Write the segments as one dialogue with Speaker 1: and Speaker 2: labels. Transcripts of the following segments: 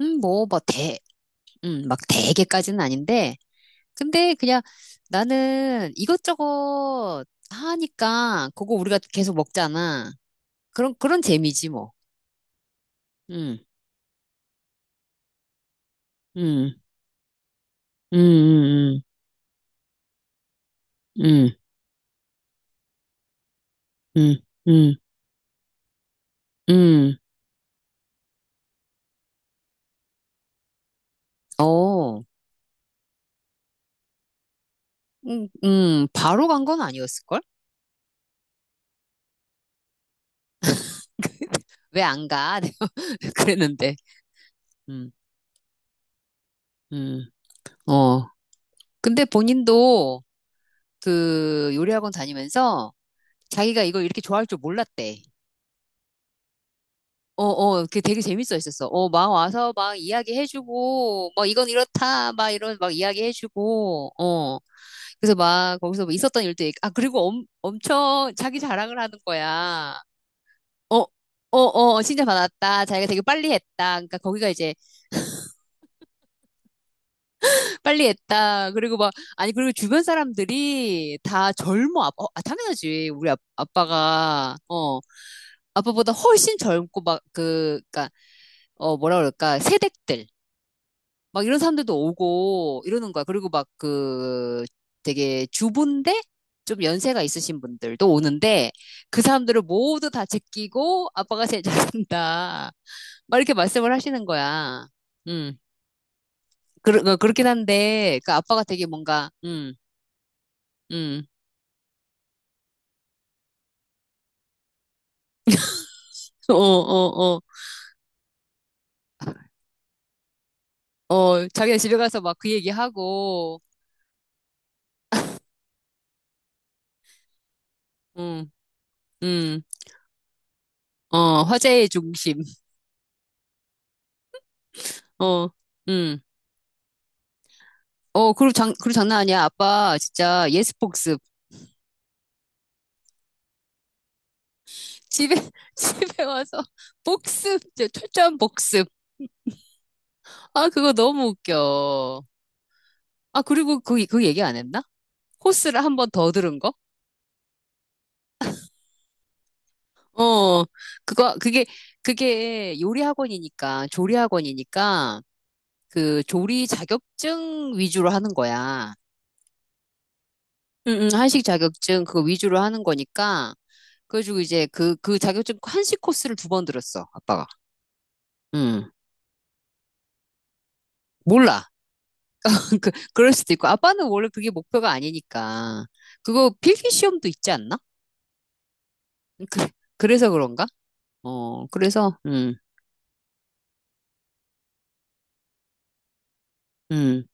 Speaker 1: 뭐, 뭐, 막 대개까지는 아닌데, 근데 그냥 나는 이것저것 하니까 그거 우리가 계속 먹잖아. 그런 재미지, 뭐. 음, 음, 음, 음, 음, 음, 음, 음, 음. 어, 바로 간 건 아니었을걸? 왜 안 가? 그랬는데. 음, 음, 어. 근데 본인도 그 요리학원 다니면서 자기가 이걸 이렇게 좋아할 줄 몰랐대. 어, 어, 그게 되게 재밌어 했었어. 어, 막 와서 막 이야기해주고, 막 이건 이렇다, 막 이런 막 이야기해주고, 어. 그래서 막 거기서 뭐 있었던 일도 그리고 엄청 자기 자랑을 하는 거야. 어, 어, 어, 칭찬받았다. 자기가 되게 빨리 했다. 그러니까 거기가 이제 빨리 했다. 그리고 막, 아니, 그리고 주변 사람들이 다 젊어. 아빠, 당연하지. 우리 아빠가, 어, 아빠보다 훨씬 젊고 막 그니까, 뭐라 그럴까, 세댁들. 막 이런 사람들도 오고 이러는 거야. 그리고 막 그 되게 주부인데 좀 연세가 있으신 분들도 오는데 그 사람들을 모두 다 제끼고 아빠가 제일 잘한다. 막 이렇게 말씀을 하시는 거야. 음. 그렇긴 한데 그 아빠가 되게 뭔가. 음. 어, 어, 어. 자기네 집에 가서 막 그 얘기하고 음, 음. 화제의 중심. 어, 음. 그리고 장난 아니야. 아빠 진짜 예스폭스 집에, 집에 와서 복습, 이제 철저한 복습. 아, 그거 너무 웃겨. 아, 그리고 그 얘기 안 했나? 코스를 한 번 더 들은 거? 어, 그거, 그게, 그게 요리 학원이니까, 조리 학원이니까, 그 조리 자격증 위주로 하는 거야. 응, 응, 한식 자격증 그거 위주로 하는 거니까, 그래가지고 이제 그 자격증 한식 코스를 두 번 들었어, 아빠가. 응, 몰라. 그럴 수도 있고, 아빠는 원래 그게 목표가 아니니까. 그거 필기 시험도 있지 않나? 그, 그래서 그런가? 어, 그래서, 음,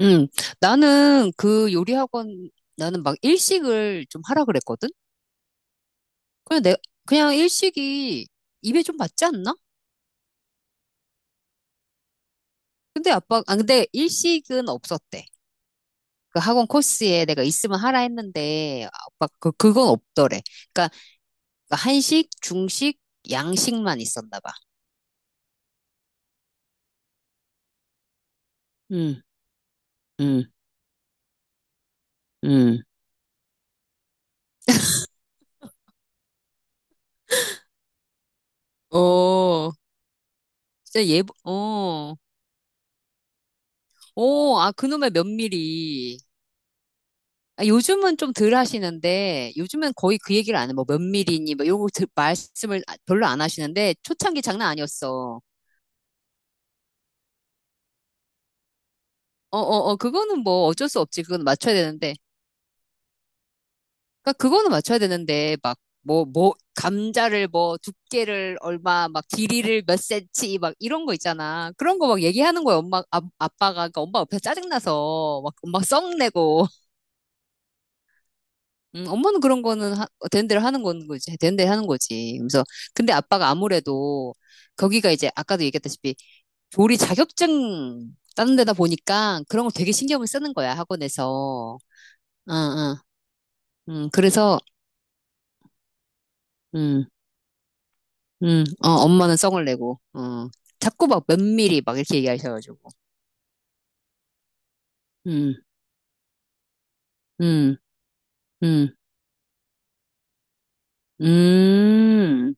Speaker 1: 음. 나는 그 요리 학원, 나는 막 일식을 좀 하라 그랬거든? 그냥 내, 그냥 일식이 입에 좀 맞지 않나? 근데 일식은 없었대. 그 학원 코스에 내가 있으면 하라 했는데, 아빠, 그건 없더래. 그러니까 한식, 중식, 양식만 있었나 봐. 음, 음, 음. 어, 진짜 예 어, 오, 아, 그놈의 몇 미리. 아, 요즘은 좀 덜 하시는데, 요즘은 거의 그 얘기를 안 해. 뭐 몇 미리니, 뭐 요거 말씀을 별로 안 하시는데, 초창기 장난 아니었어. 어, 어, 어, 그거는 뭐 어쩔 수 없지. 그건 맞춰야 되는데. 그니까 그거는 맞춰야 되는데, 막, 뭐, 뭐, 감자를 뭐, 두께를 얼마, 막, 길이를 몇 센치, 막, 이런 거 있잖아. 그런 거 막 얘기하는 거야, 아빠가. 그러니까 엄마 옆에 짜증나서, 막, 엄마 썩 내고. 엄마는 그런 거는 되는 대로 하는 건 거지. 되는 대로 하는 거지. 그래서 근데 아빠가 아무래도 거기가 이제 아까도 얘기했다시피 조리 자격증 따는 데다 보니까 그런 거 되게 신경을 쓰는 거야, 학원에서. 응, 응, 응. 그래서, 응, 응, 어, 엄마는 성을 내고, 자꾸 막 면밀히 막 이렇게 얘기하셔가지고. 응, 응, 응, 음.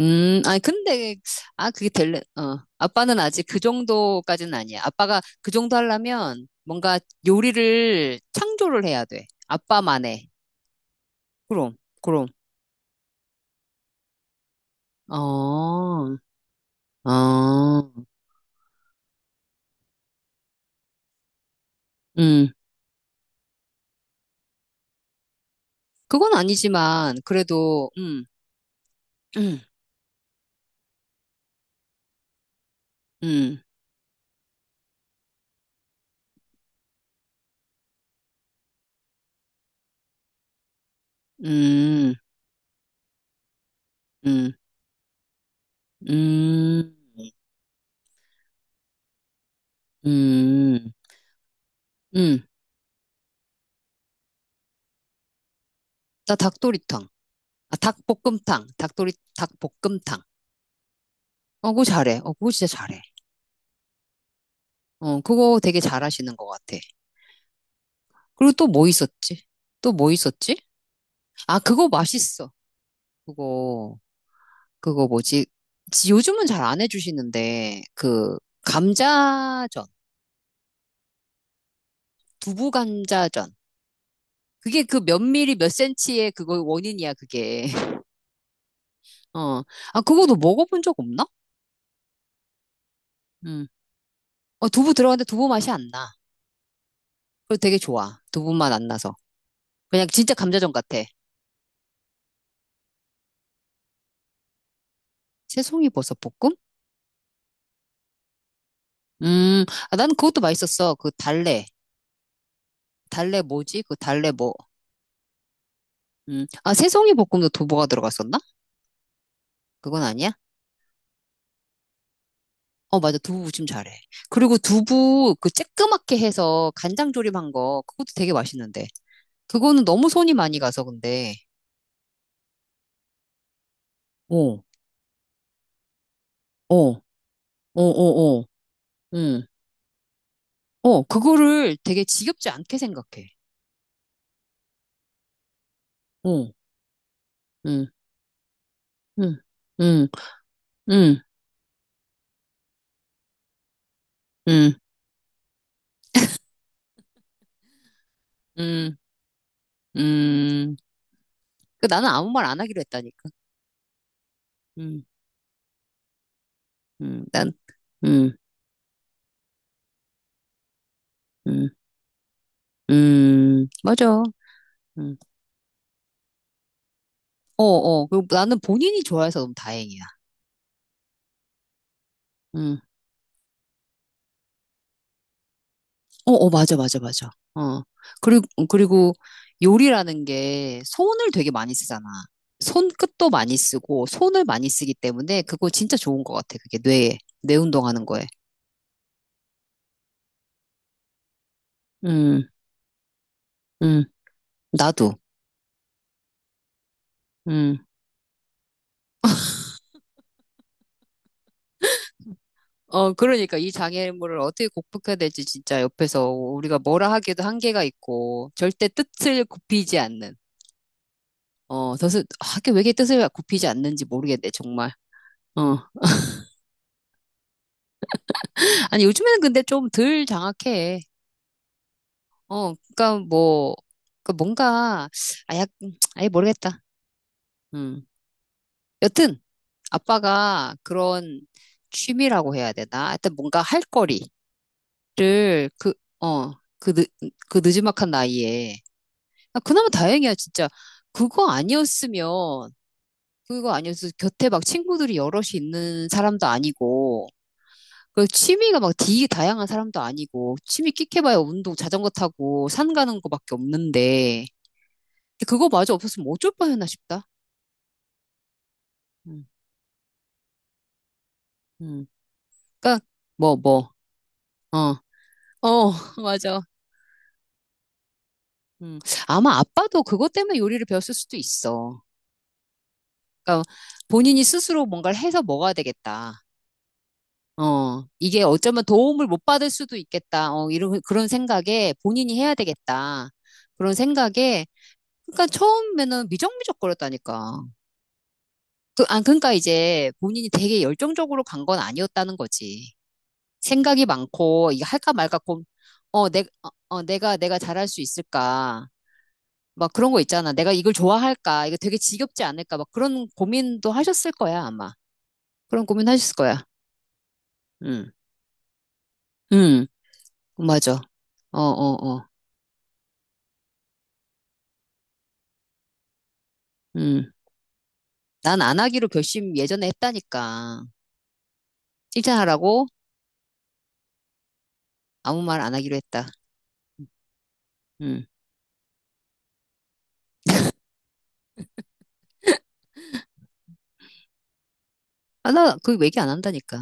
Speaker 1: 아니, 근데, 아, 그게 될래, 어. 아빠는 아직 그 정도까지는 아니야. 아빠가 그 정도 하려면 뭔가 요리를 창조를 해야 돼. 아빠만의. 그럼, 그럼. 어, 어, 음. 그건 아니지만, 그래도, 음, 음, 음, 음, 음, 음, 음. 나 닭도리탕. 아, 닭볶음탕. 닭도리, 닭볶음탕. 어, 그거 잘해. 어, 그거 진짜 잘해. 어, 그거 되게 잘하시는 것 같아. 그리고 또 뭐 있었지? 또 뭐 있었지? 아, 그거 맛있어. 그거, 그거 뭐지? 요즘은 잘 안 해주시는데, 그, 감자전, 두부 감자전. 그게 그 몇 미리 몇 센치의 그거 원인이야, 그게. 어. 아, 그거도 먹어본 적 없나? 음 두부 들어갔는데 두부 맛이 안 나. 그거 되게 좋아. 두부 맛 안 나서. 그냥 진짜 감자전 같아. 새송이 버섯 볶음? 음, 아, 난 그것도 맛있었어. 그 달래. 달래 뭐지? 그 달래 뭐. 음. 아, 새송이 볶음도 두부가 들어갔었나? 그건 아니야? 어, 맞아. 두부 무침 잘해. 그리고 두부 그 쬐끄맣게 해서 간장 조림한 거, 그것도 되게 맛있는데. 그거는 너무 손이 많이 가서 근데. 어, 어, 어, 어, 어. 응. 어, 그거를 되게 지겹지 않게 생각해. 어, 응, 응, 응, 응, 응, 응, 응. 그 나는 아무 말 안 하기로 했다니까. 응, 응, 응, 응. 응 맞아. 음. 어, 어. 그리고 나는 본인이 좋아해서 너무 다행이야. 음. 어, 어, 맞아, 맞아, 맞아. 어. 그리고 요리라는 게 손을 되게 많이 쓰잖아. 손끝도 많이 쓰고, 손을 많이 쓰기 때문에 그거 진짜 좋은 것 같아. 그게 뇌 운동하는 거에. 음, 음. 나도. 음. 어, 그러니까 이 장애물을 어떻게 극복해야 될지 진짜 옆에서 우리가 뭐라 하기에도 한계가 있고, 절대 뜻을 굽히지 않는. 어, 뜻을, 하게 왜 이렇게 뜻을 굽히지 않는지 모르겠네, 정말. 어. 아니, 요즘에는 근데 좀 덜 장악해. 어, 그러니까 뭐, 그 뭔가, 아 약, 아예 모르겠다. 음. 여튼, 아빠가 그런 취미라고 해야 되나? 하여튼 뭔가 할 거리를 그, 어, 그, 늦, 그 느지막한 나이에. 아, 그나마 다행이야, 진짜. 그거 아니었으면, 그거 아니었으면 곁에 막 친구들이 여럿이 있는 사람도 아니고, 그 취미가 막 되게 다양한 사람도 아니고 취미 끽해봐야 운동, 자전거 타고 산 가는 거밖에 없는데 그거마저 없었으면 어쩔 뻔했나 싶다. 음, 음. 그러니까 뭐 뭐, 어, 어, 맞아. 음. 아마 아빠도 그것 때문에 요리를 배웠을 수도 있어. 그러니까 본인이 스스로 뭔가를 해서 먹어야 되겠다. 어, 이게 어쩌면 도움을 못 받을 수도 있겠다. 어, 이런 그런 생각에 본인이 해야 되겠다. 그런 생각에 그러니까 처음에는 미적미적거렸다니까. 그러니까 이제 본인이 되게 열정적으로 간 건 아니었다는 거지. 생각이 많고, 이거 할까 말까 어, 내, 어, 어, 내가, 내가 잘할 수 있을까. 막 그런 거 있잖아. 내가 이걸 좋아할까. 이거 되게 지겹지 않을까. 막 그런 고민도 하셨을 거야, 아마. 그런 고민 하셨을 거야. 응, 응, 맞아. 어, 어, 어, 응. 난 안 하기로 결심 예전에 했다니까. 칭찬하라고 아무 말 안 하기로 했다. 응. 아, 나 그 얘기 안 한다니까.